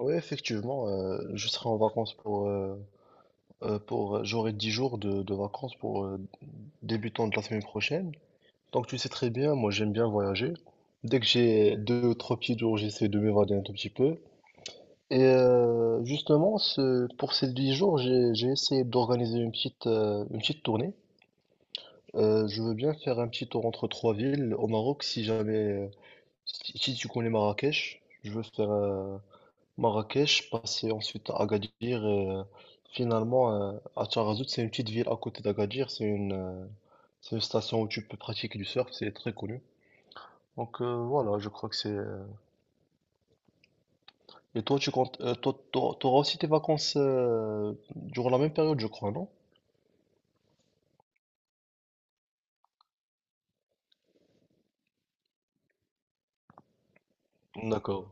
Oui, effectivement, je serai en vacances pour j'aurai 10 jours de vacances pour débutant de la semaine prochaine. Donc tu sais très bien, moi j'aime bien voyager. Dès que j'ai deux, ou trois petits jours, j'essaie de m'évader un tout petit peu. Justement, pour ces 10 jours, j'ai essayé d'organiser une une petite tournée. Je veux bien faire un petit tour entre trois villes au Maroc, si jamais, si tu connais Marrakech, je veux faire, Marrakech, passé ensuite à Agadir et euh, finalement euh, à Tarazout, c'est une petite ville à côté d'Agadir, c'est c'est une station où tu peux pratiquer du surf, c'est très connu. Donc voilà, je crois que c'est… Et toi, tu comptes, toi, t'auras aussi tes vacances durant la même période, je crois, non? D'accord.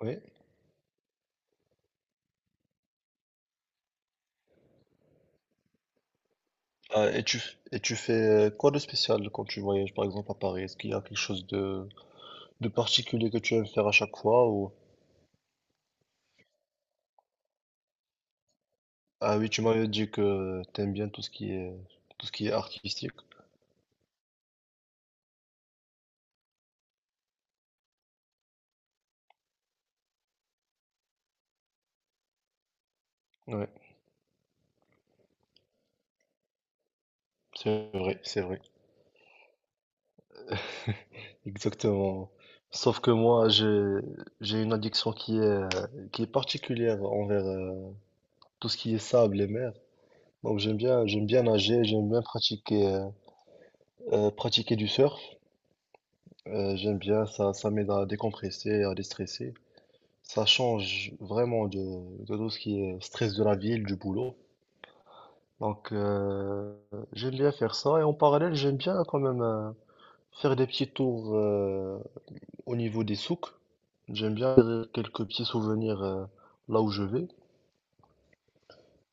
Oui. Ah, et tu fais quoi de spécial. Ah oui, tu m'avais dit que t'aimes bien tout ce qui est tout ce qui est artistique. Ouais, c'est vrai, c'est vrai. Exactement. Sauf que moi, j'ai une addiction qui est particulière envers tout ce qui est sable et mer. Donc j'aime bien nager, j'aime bien pratiquer du surf. J'aime bien ça m'aide à décompresser, à déstresser. Ça change vraiment de tout ce qui est stress de la ville, du boulot. Donc j'aime bien faire ça. Et en parallèle, j'aime bien quand même faire des petits tours au niveau des souks. J'aime bien faire quelques petits souvenirs là où je vais.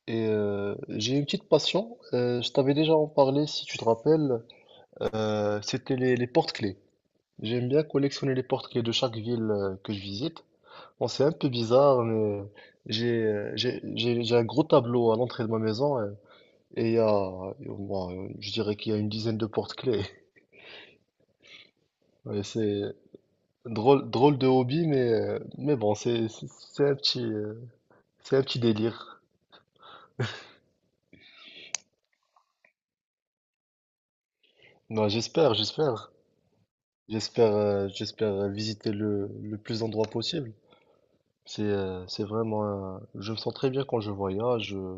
Et j'ai une petite passion. Je t'avais déjà en parlé, si tu te rappelles. C'était les porte-clés. J'aime bien collectionner les porte-clés de chaque ville que je visite. Bon, c'est un peu bizarre, mais j'ai un gros tableau à l'entrée de ma maison. Et il y a, et bon, je dirais qu'il y a une dizaine de porte-clés. Ouais, c'est drôle, drôle de hobby, mais bon, c'est un c'est un petit délire. Non, j'espère visiter le plus d'endroits possible. C'est vraiment, je me sens très bien quand je voyage.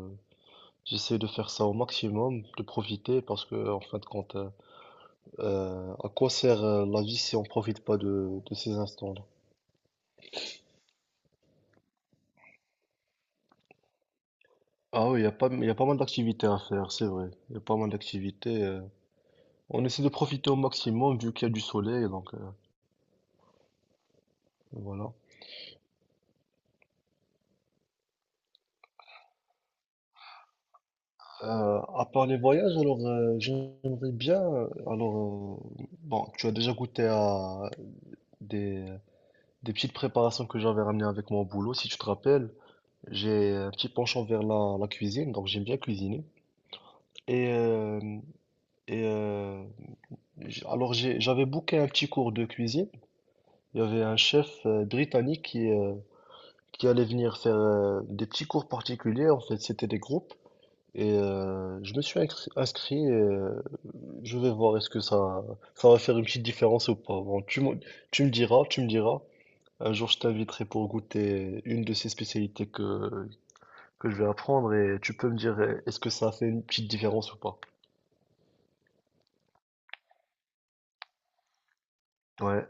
J'essaie de faire ça au maximum, de profiter, parce que en fin de compte, à quoi sert la vie si on profite pas de ces instants-là? Ah oui, il y a pas mal d'activités à faire, c'est vrai. Il y a pas mal d'activités. On essaie de profiter au maximum vu qu'il y a du soleil, donc voilà. À part les voyages, j'aimerais bien. Alors, bon, tu as déjà goûté à des, des petites préparations que j'avais ramenées avec mon boulot, si tu te rappelles. J'ai un petit penchant vers la cuisine, donc j'aime bien cuisiner. Et, euh, et euh, J'avais booké un petit cours de cuisine. Il y avait un chef britannique qui allaient venir faire des petits cours particuliers. En fait, c'était des groupes. Et je me suis inscrit. Je vais voir est-ce que ça va faire une petite différence ou pas. Bon, tu me diras, tu me diras. Un jour, je t'inviterai pour goûter une de ces spécialités que je vais apprendre et tu peux me dire est-ce que ça a fait une petite différence ou pas. Ouais,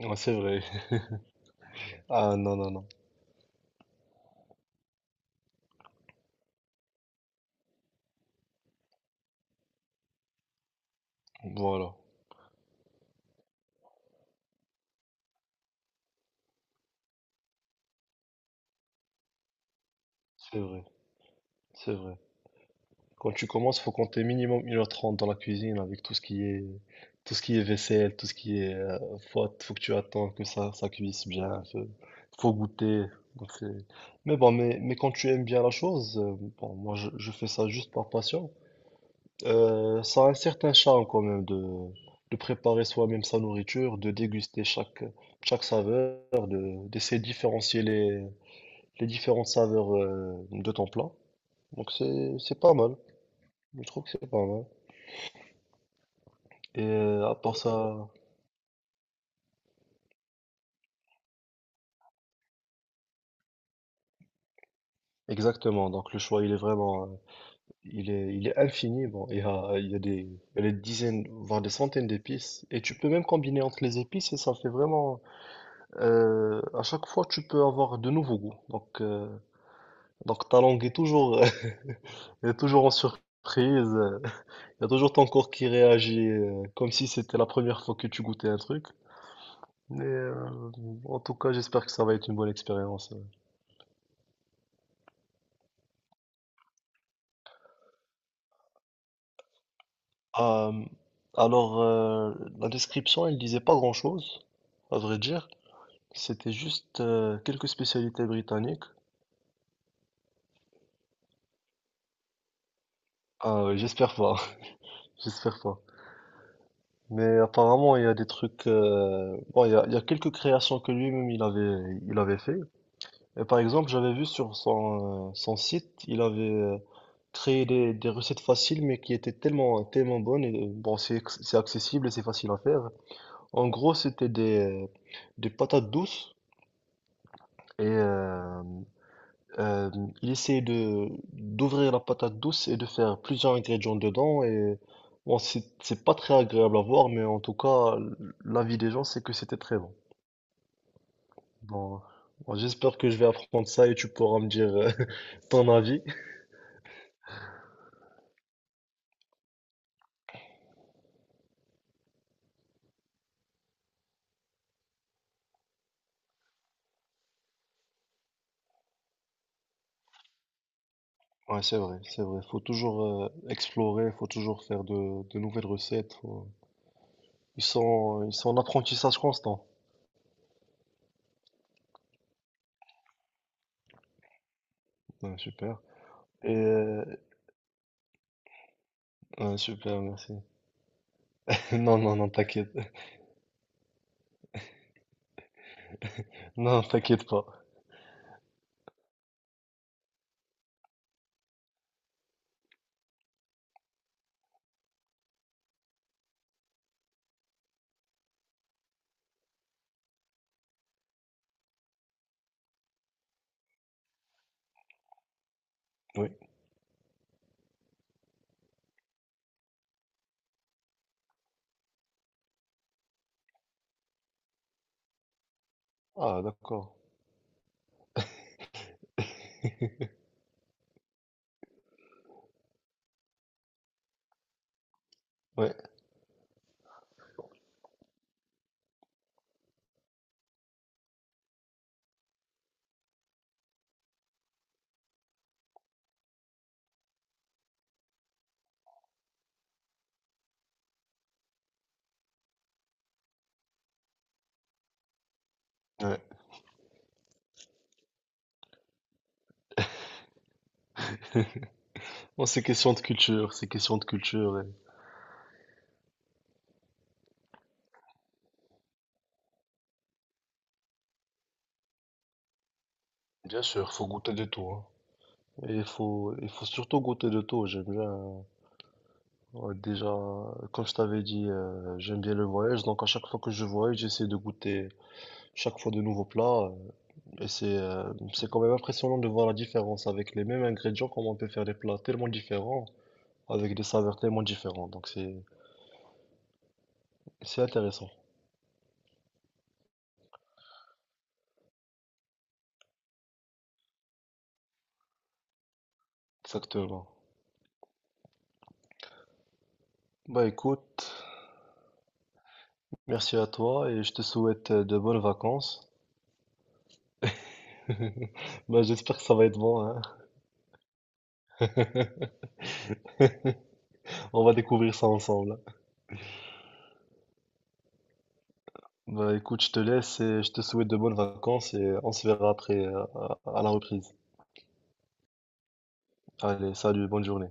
ouais, c'est vrai. Ah non, non, non. Voilà, c'est vrai, c'est vrai. Quand tu commences, faut compter minimum 1h30 dans la cuisine avec tout ce qui est tout ce qui est vaisselle, tout ce qui est faut que tu attends que ça cuise bien, faut goûter. Donc c'est- mais bon, mais quand tu aimes bien la chose, bon, je fais ça juste par passion. Ça a un certain charme quand même de préparer soi-même sa nourriture, de déguster chaque chaque saveur, de d'essayer de différencier les différentes saveurs de ton plat. Donc c'est pas mal. Je trouve que c'est pas mal. Et à part ça, exactement. Donc le choix, il est vraiment, il est infini. Bon, il y a il y a des dizaines, voire des centaines d'épices. Et tu peux même combiner entre les épices et ça fait vraiment, à chaque fois, tu peux avoir de nouveaux goûts. Donc ta langue est toujours, est toujours en surprise. euh, Il y a toujours ton corps qui réagit comme si c'était la première fois que tu goûtais un truc. Mais en tout cas, j'espère que ça va être une bonne expérience. Ah, alors, la description, elle disait pas grand-chose, à vrai dire. C'était juste quelques spécialités britanniques. Ah, ouais, j'espère pas, j'espère pas. Mais apparemment, il y a des trucs. Bon, il y a quelques créations que lui-même il avait fait. Et par exemple, j'avais vu sur son site, il avait créé des recettes faciles, mais qui étaient tellement, tellement bonnes. Et bon, c'est accessible et c'est facile à faire. En gros, c'était des patates douces. Et euh, il essayait de d'ouvrir la patate douce et de faire plusieurs ingrédients dedans. Et bon, c'est pas très agréable à voir, mais en tout cas, l'avis des gens, c'est que c'était très bon. Bon, bon, j'espère que je vais apprendre ça et tu pourras me dire ton avis. Ouais, c'est vrai, c'est vrai. Faut toujours explorer, faut toujours faire de nouvelles recettes. Ils sont en apprentissage constant. Ouais, super. Et ouais, super, merci. Non, non, non, t'inquiète. Non, t'inquiète pas. Oui. Ah, d'accord. Ouais, ouais. Non, c'est question de culture, c'est question de culture. Bien sûr, faut goûter de tout, hein. Et il faut surtout goûter de tout. J'aime bien, ouais, déjà, comme je t'avais dit, j'aime bien le voyage. Donc, à chaque fois que je voyage, j'essaie de goûter chaque fois de nouveaux plats. Et c'est quand même impressionnant de voir la différence avec les mêmes ingrédients, comment on peut faire des plats tellement différents, avec des saveurs tellement différentes. Donc c'est intéressant. Exactement. Bah, écoute. Merci à toi et je te souhaite de bonnes vacances. Bah, j'espère que ça va être bon, hein. On va découvrir ça ensemble. Bah, écoute, je te laisse et je te souhaite de bonnes vacances et on se verra après, à la reprise. Allez, salut, bonne journée.